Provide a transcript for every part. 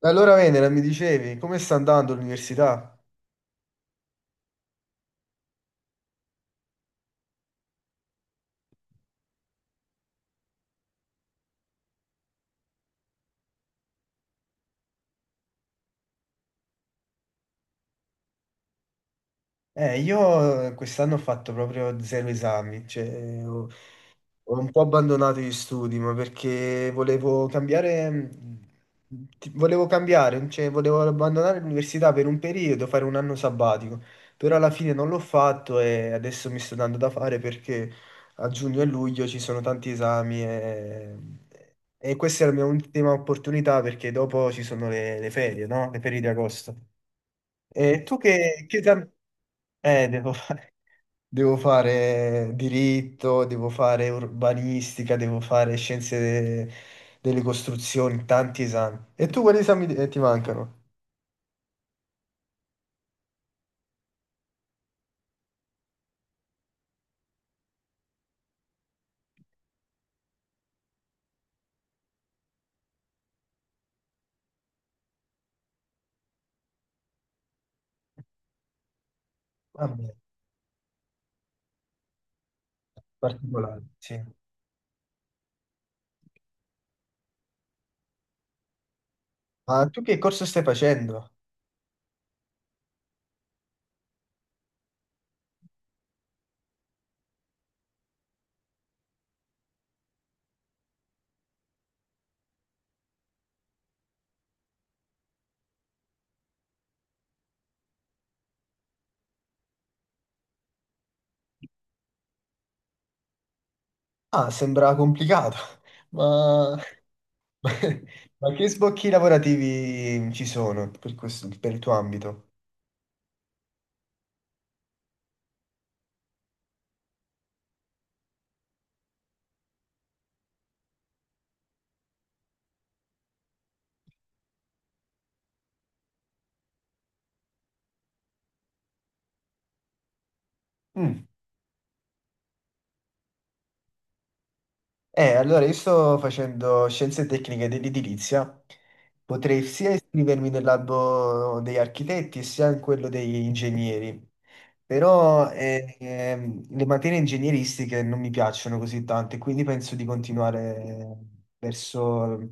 Allora, Venera, mi dicevi, come sta andando l'università? Io quest'anno ho fatto proprio zero esami, cioè ho un po' abbandonato gli studi, ma perché volevo cambiare, volevo cambiare, cioè volevo abbandonare l'università per un periodo, fare un anno sabbatico, però alla fine non l'ho fatto e adesso mi sto dando da fare perché a giugno e luglio ci sono tanti esami e questa è la mia ultima opportunità perché dopo ci sono le ferie, no? Le ferie di agosto. E tu che esami... Eh, devo Devo fare diritto, devo fare urbanistica, devo fare scienze delle costruzioni, tanti esami. E tu quali esami ti mancano? Vabbè, particolari, sì. Ma tu che corso stai facendo? Ah, sembra complicato, ma, ma che sbocchi lavorativi ci sono per per il tuo ambito? Mm. Allora io sto facendo scienze tecniche dell'edilizia, potrei sia iscrivermi nell'albo degli architetti sia in quello degli ingegneri, però le materie ingegneristiche non mi piacciono così tante, quindi penso di continuare verso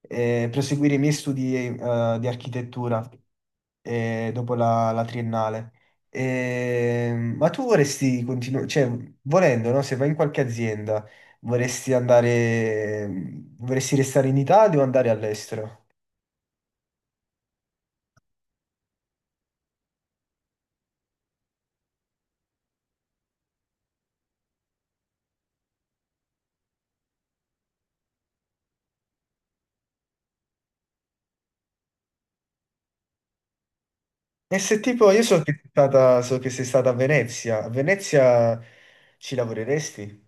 proseguire i miei studi, di architettura, dopo la triennale. Ma tu vorresti continuare, cioè volendo, no? Se vai in qualche azienda, Vorresti andare, vorresti restare in Italia o andare all'estero? E se tipo, io so che sei stata a Venezia ci lavoreresti?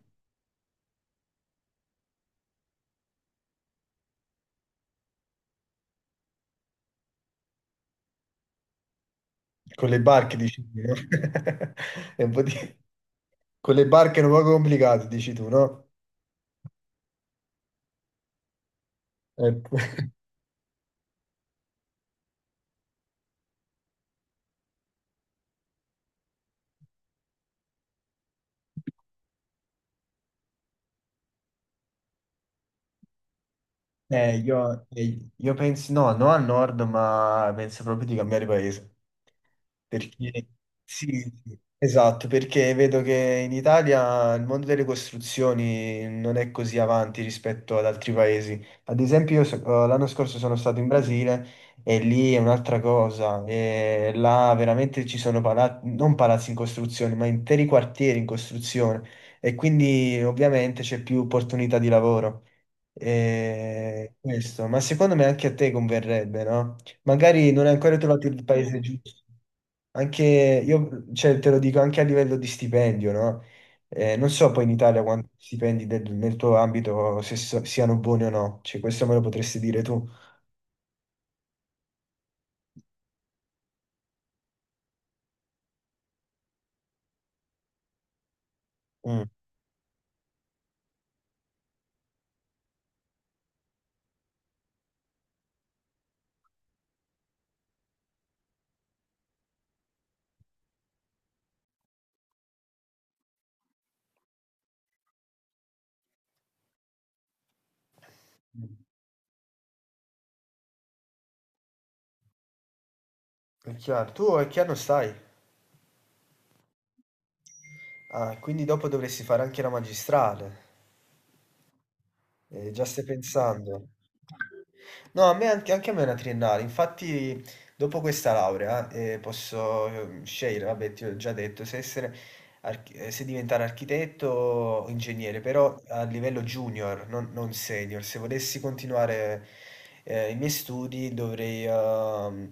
Con le barche, dici tu, no? È un po' di- Con le barche è un po' complicato, dici tu, no? Ecco. Io penso, no, no al nord, ma penso proprio di cambiare paese. Perché sì, sì, esatto, perché vedo che in Italia il mondo delle costruzioni non è così avanti rispetto ad altri paesi. Ad esempio, l'anno scorso sono stato in Brasile e lì è un'altra cosa. E là veramente ci sono palazzi, non palazzi in costruzione, ma interi quartieri in costruzione. E quindi ovviamente c'è più opportunità di lavoro. E questo, ma secondo me anche a te converrebbe, no? Magari non hai ancora trovato il paese giusto. Anche io, cioè, te lo dico anche a livello di stipendio, no? Non so poi in Italia quanti stipendi nel tuo ambito se siano buoni o no, cioè questo me lo potresti dire tu. Mm. È chiaro, tu a che anno stai? Ah, quindi dopo dovresti fare anche la magistrale. Già stai pensando. No, a me anche, anche a me è una triennale, infatti dopo questa laurea posso scegliere, vabbè ti ho già detto, se diventare architetto o ingegnere, però a livello junior, non senior. Se volessi continuare i miei studi dovrei, ehm,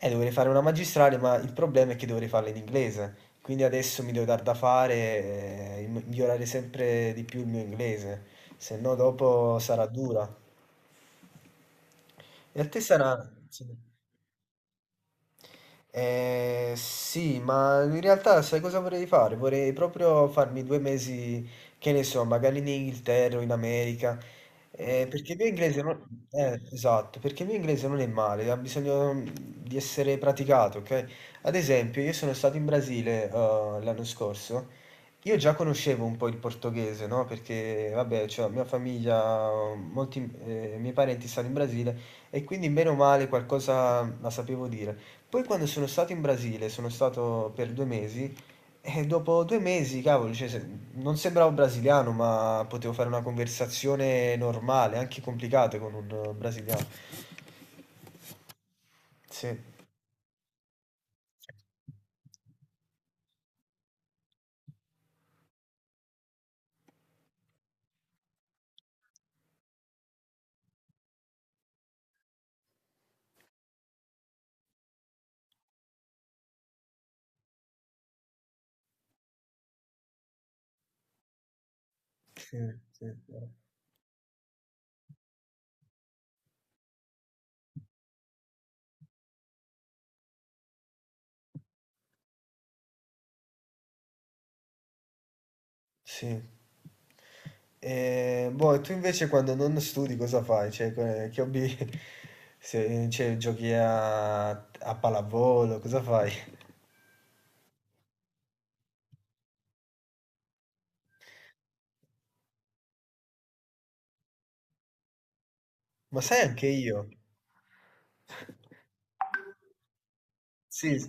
eh, dovrei fare una magistrale, ma il problema è che dovrei farla in inglese. Quindi adesso mi devo dar da fare e migliorare sempre di più il mio inglese, se no dopo sarà dura. E a te sarà... Sì. Sì, ma in realtà sai cosa vorrei fare? Vorrei proprio farmi 2 mesi, che ne so, magari in Inghilterra o in America, perché il mio inglese non... esatto, perché il mio inglese non è male, ha bisogno di essere praticato, ok? Ad esempio, io sono stato in Brasile, l'anno scorso, io già conoscevo un po' il portoghese, no? Perché, vabbè, cioè, mia famiglia, molti, miei parenti stanno in Brasile e quindi, bene o male, qualcosa la sapevo dire. Poi quando sono stato in Brasile, sono stato per 2 mesi, e dopo 2 mesi, cavolo, cioè, non sembravo brasiliano, ma potevo fare una conversazione normale, anche complicata con un brasiliano. Sì, sì, sì, sì. E, boh, e tu invece quando non studi cosa fai? Cioè, che hobby... Se, cioè, giochi a pallavolo, cosa fai? Ma sai anche io? Sì. Sì.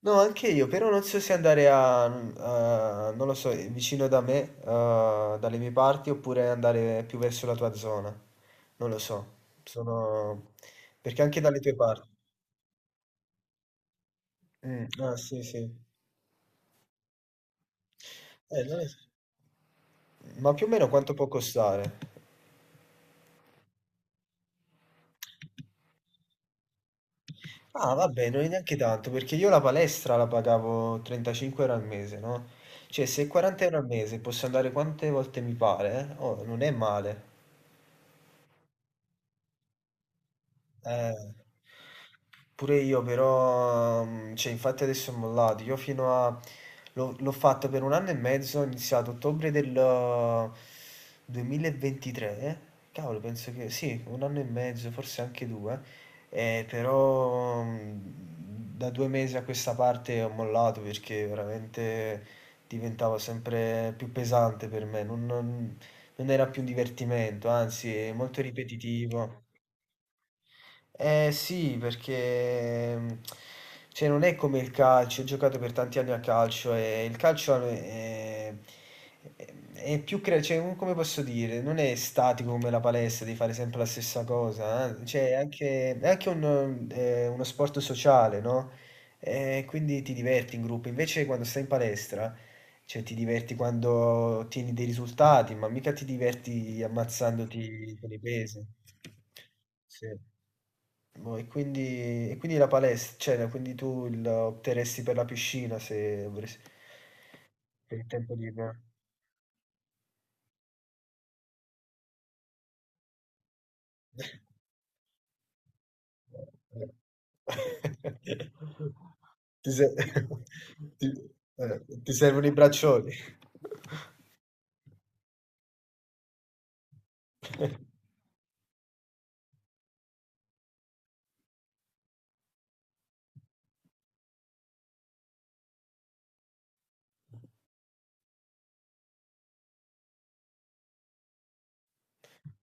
No, anche io, però non so se andare non lo so, vicino da me, dalle mie parti, oppure andare più verso la tua zona. Non lo so. Sono... Perché anche dalle tue parti. Mm, ah, sì, sì. Non lo so. Ma più o meno quanto può costare? Ah, vabbè, non è neanche tanto, perché io la palestra la pagavo 35 euro al mese, no? Cioè, se 40 euro al mese posso andare quante volte mi pare, eh? Oh, non è male. Eh, pure io però, cioè infatti adesso ho mollato, io l'ho fatto per un anno e mezzo, ho iniziato ottobre del 2023, eh? Cavolo, penso che sì, un anno e mezzo, forse anche due, eh, però mm, da 2 mesi a questa parte ho mollato perché veramente diventava sempre più pesante per me, non era più un divertimento, anzi è molto ripetitivo. Eh sì, perché cioè, non è come il calcio, ho giocato per tanti anni a calcio e il calcio è più cioè, come posso dire, non è statico come la palestra, di fare sempre la stessa cosa, eh. Cioè, è anche uno sport sociale, no? Quindi ti diverti in gruppo, invece quando stai in palestra, cioè, ti diverti quando ottieni dei risultati, ma mica ti diverti ammazzandoti con i pesi. Sì. Boh, e quindi la palestra, cioè, quindi tu opteresti per la piscina se avresti per il tempo libero. Ti, se- Ti servono i braccioli.